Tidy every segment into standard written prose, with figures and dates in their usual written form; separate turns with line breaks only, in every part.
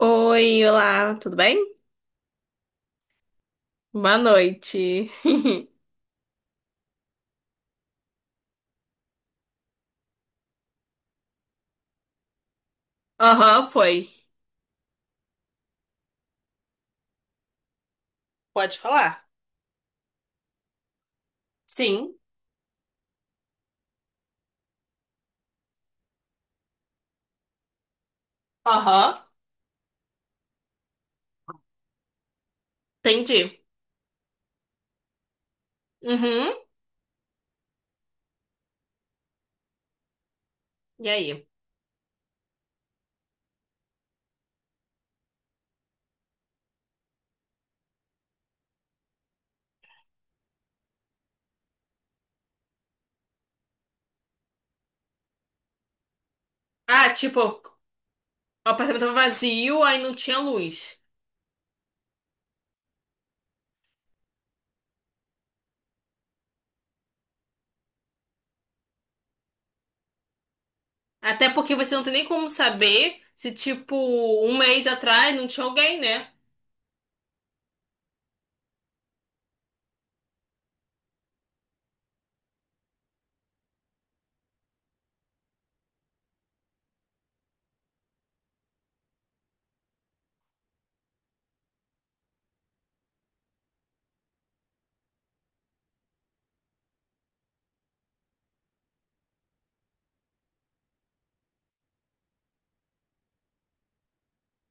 Oi, olá, tudo bem? Boa noite. Aham, foi. Pode falar. Sim. Aham, entendi. Uhum. E aí? Ah, tipo, o apartamento tava vazio, aí não tinha luz. Até porque você não tem nem como saber se, tipo, um mês atrás não tinha alguém, né?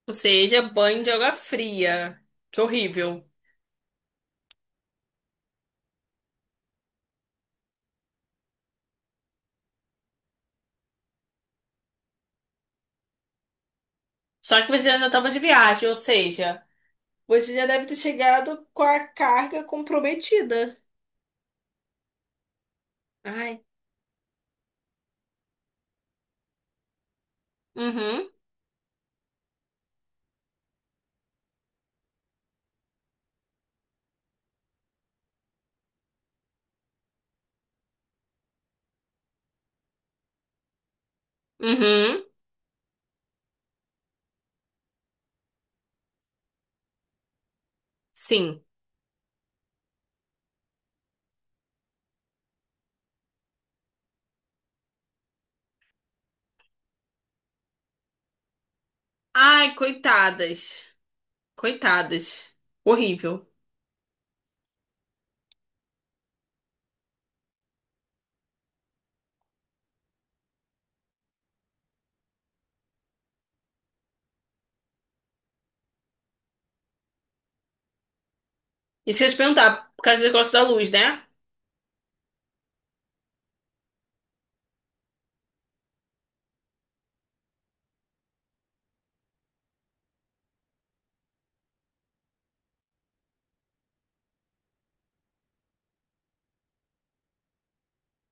Ou seja, banho de água fria. Que horrível. Só que você ainda tava de viagem, ou seja, você já deve ter chegado com a carga comprometida. Ai. Uhum. Uhum, sim. Ai, coitadas. Coitadas. Horrível. Isso que eu ia te perguntar, por causa do negócio da luz, né?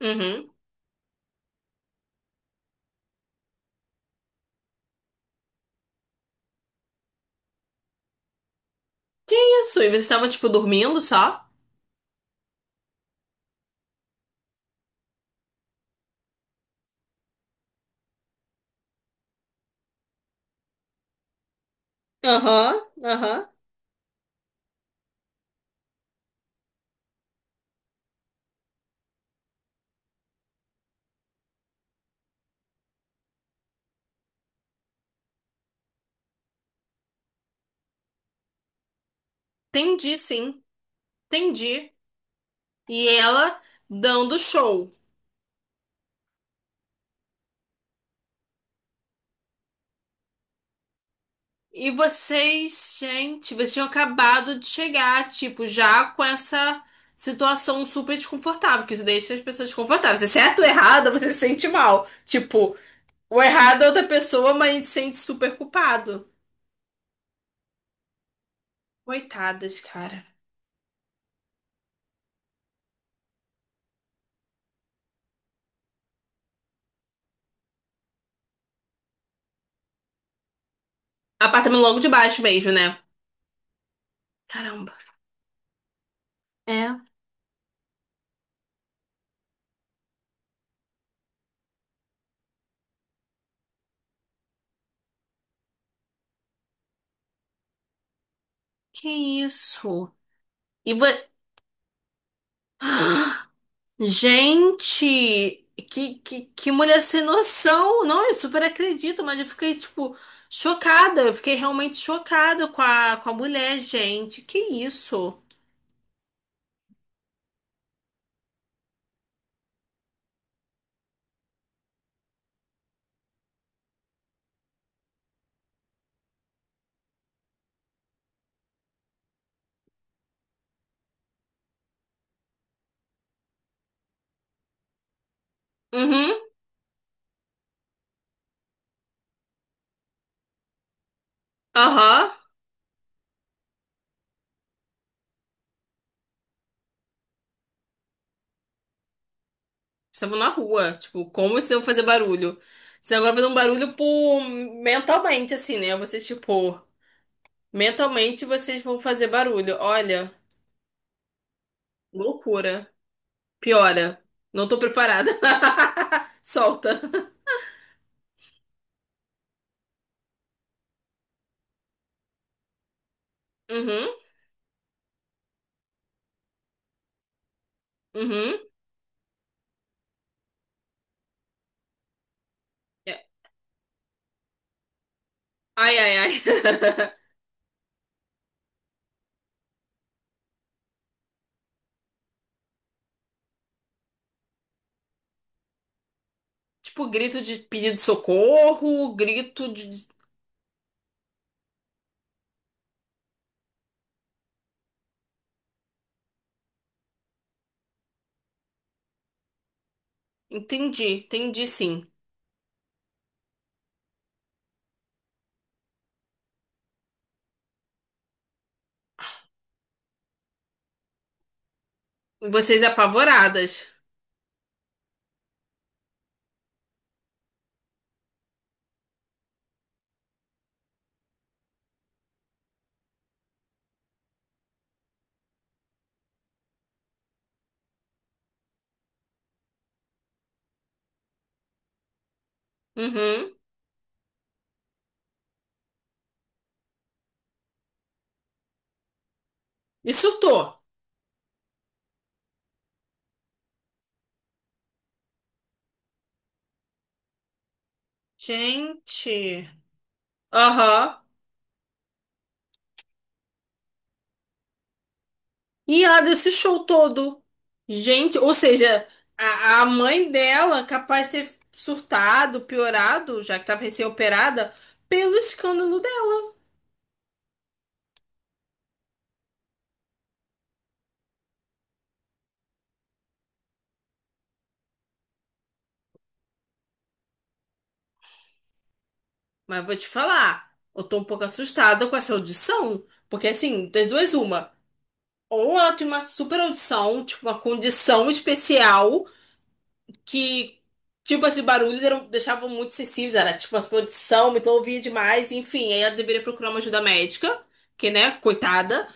Uhum. Isso, e vocês estavam, tipo, dormindo só? Aham, aham. Entendi, sim. Entendi. E ela dando show. E vocês, gente, vocês tinham acabado de chegar, tipo, já com essa situação super desconfortável, que isso deixa as pessoas desconfortáveis. Se é certo ou errado, você se sente mal. Tipo, o errado é outra pessoa, mas a gente se sente super culpado. Coitadas, cara. Apartamento logo de baixo mesmo, né? Caramba. É, que isso? E vo... Gente, que mulher sem noção. Não, eu super acredito, mas eu fiquei, tipo, chocada. Eu fiquei realmente chocada com a mulher, gente. Que isso? Uhum, aham. Estavam na rua. Tipo, como vocês vão fazer barulho? Vocês agora vão dar um barulho por... mentalmente, assim, né? Vocês, tipo, mentalmente vocês vão fazer barulho. Olha, loucura. Piora. Não tô preparada. Solta. Uhum, uhum. É. Ai, ai, ai. Tipo, grito de pedido de socorro, grito de. Entendi, entendi sim. Vocês apavoradas. Uhum. E surtou. Gente. Aham. E ela deu esse show todo. Gente, ou seja, a mãe dela capaz de ter surtado, piorado, já que estava recém-operada, pelo escândalo dela. Mas vou te falar, eu tô um pouco assustada com essa audição. Porque assim, das duas, uma. Ou ela tem uma super audição, tipo, uma condição especial que, tipo, esses barulhos eram, deixavam muito sensíveis. Era tipo, a sua audição, me ouvia demais, enfim. Aí ela deveria procurar uma ajuda médica, que, né, coitada.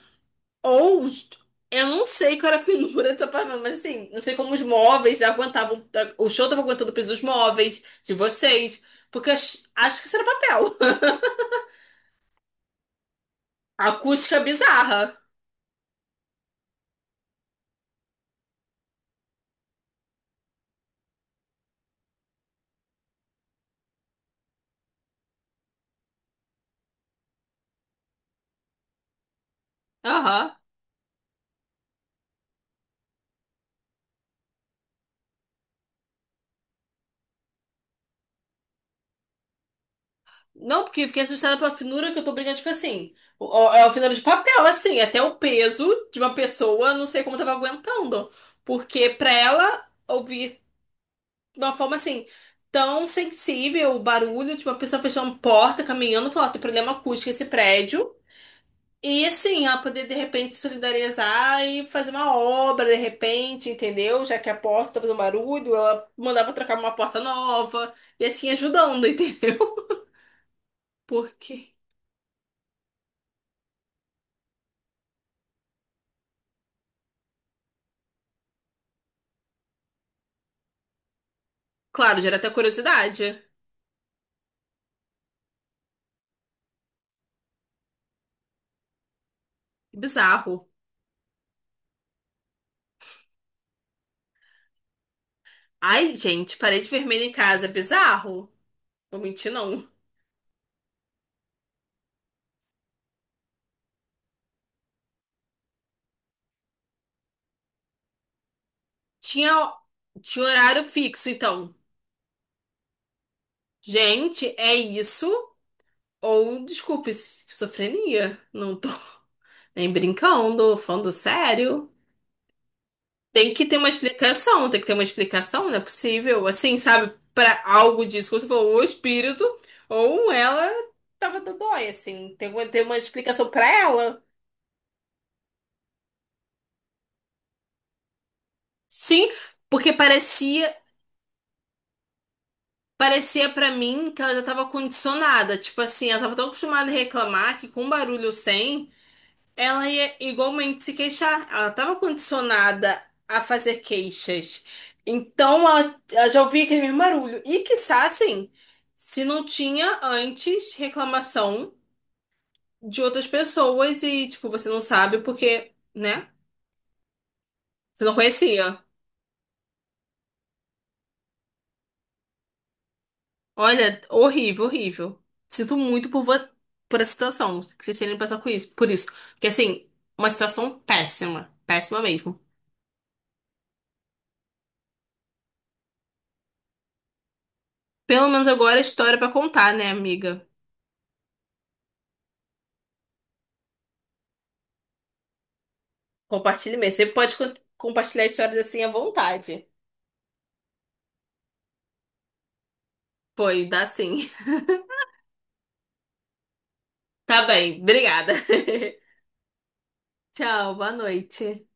Ou os- eu não sei qual era a finura desse apartamento, mas assim, não sei como os móveis aguentavam. O show tava aguentando o peso dos móveis de vocês. Porque ach- acho que isso era papel. Acústica bizarra. Aham. Não, porque fiquei assustada pela finura que eu tô brincando, tipo assim. É uma finura de papel, assim, até o peso de uma pessoa, não sei como tava aguentando. Porque pra ela ouvir de uma forma assim, tão sensível o barulho de uma pessoa fechando porta, caminhando, falar, tem problema acústico esse prédio. E assim, ela poder de repente solidarizar e fazer uma obra de repente, entendeu? Já que a porta tá fazendo barulho, ela mandava trocar uma porta nova e assim ajudando, entendeu? Porque, claro, gera até curiosidade. É bizarro. Ai, gente, parede vermelha em casa, é bizarro. Vou mentir, não. Tinha, tinha horário fixo, então. Gente, é isso? Ou, desculpe, esquizofrenia. Não tô nem brincando, falando sério. Tem que ter uma explicação, tem que ter uma explicação, não é possível. Assim, sabe, para algo disso, como você falou, ou o espírito, ou ela tava dodói, assim. Tem que ter uma explicação para ela. Sim, porque parecia, parecia para mim que ela já tava condicionada. Tipo assim, ela tava tão acostumada a reclamar que com barulho sem. Ela ia igualmente se queixar. Ela estava condicionada a fazer queixas. Então ela já ouvia aquele mesmo barulho. E quiçá, assim, se não tinha antes reclamação de outras pessoas e, tipo, você não sabe porque, né? Você não conhecia. Olha, horrível, horrível. Sinto muito por essa situação. Que vocês terem que passar com isso. Por isso. Porque, assim, uma situação péssima. Péssima mesmo. Pelo menos agora é história pra contar, né, amiga? Compartilhe mesmo. Você pode compartilhar histórias assim à vontade. Foi, dá sim. Tá bem, obrigada. Tchau, boa noite.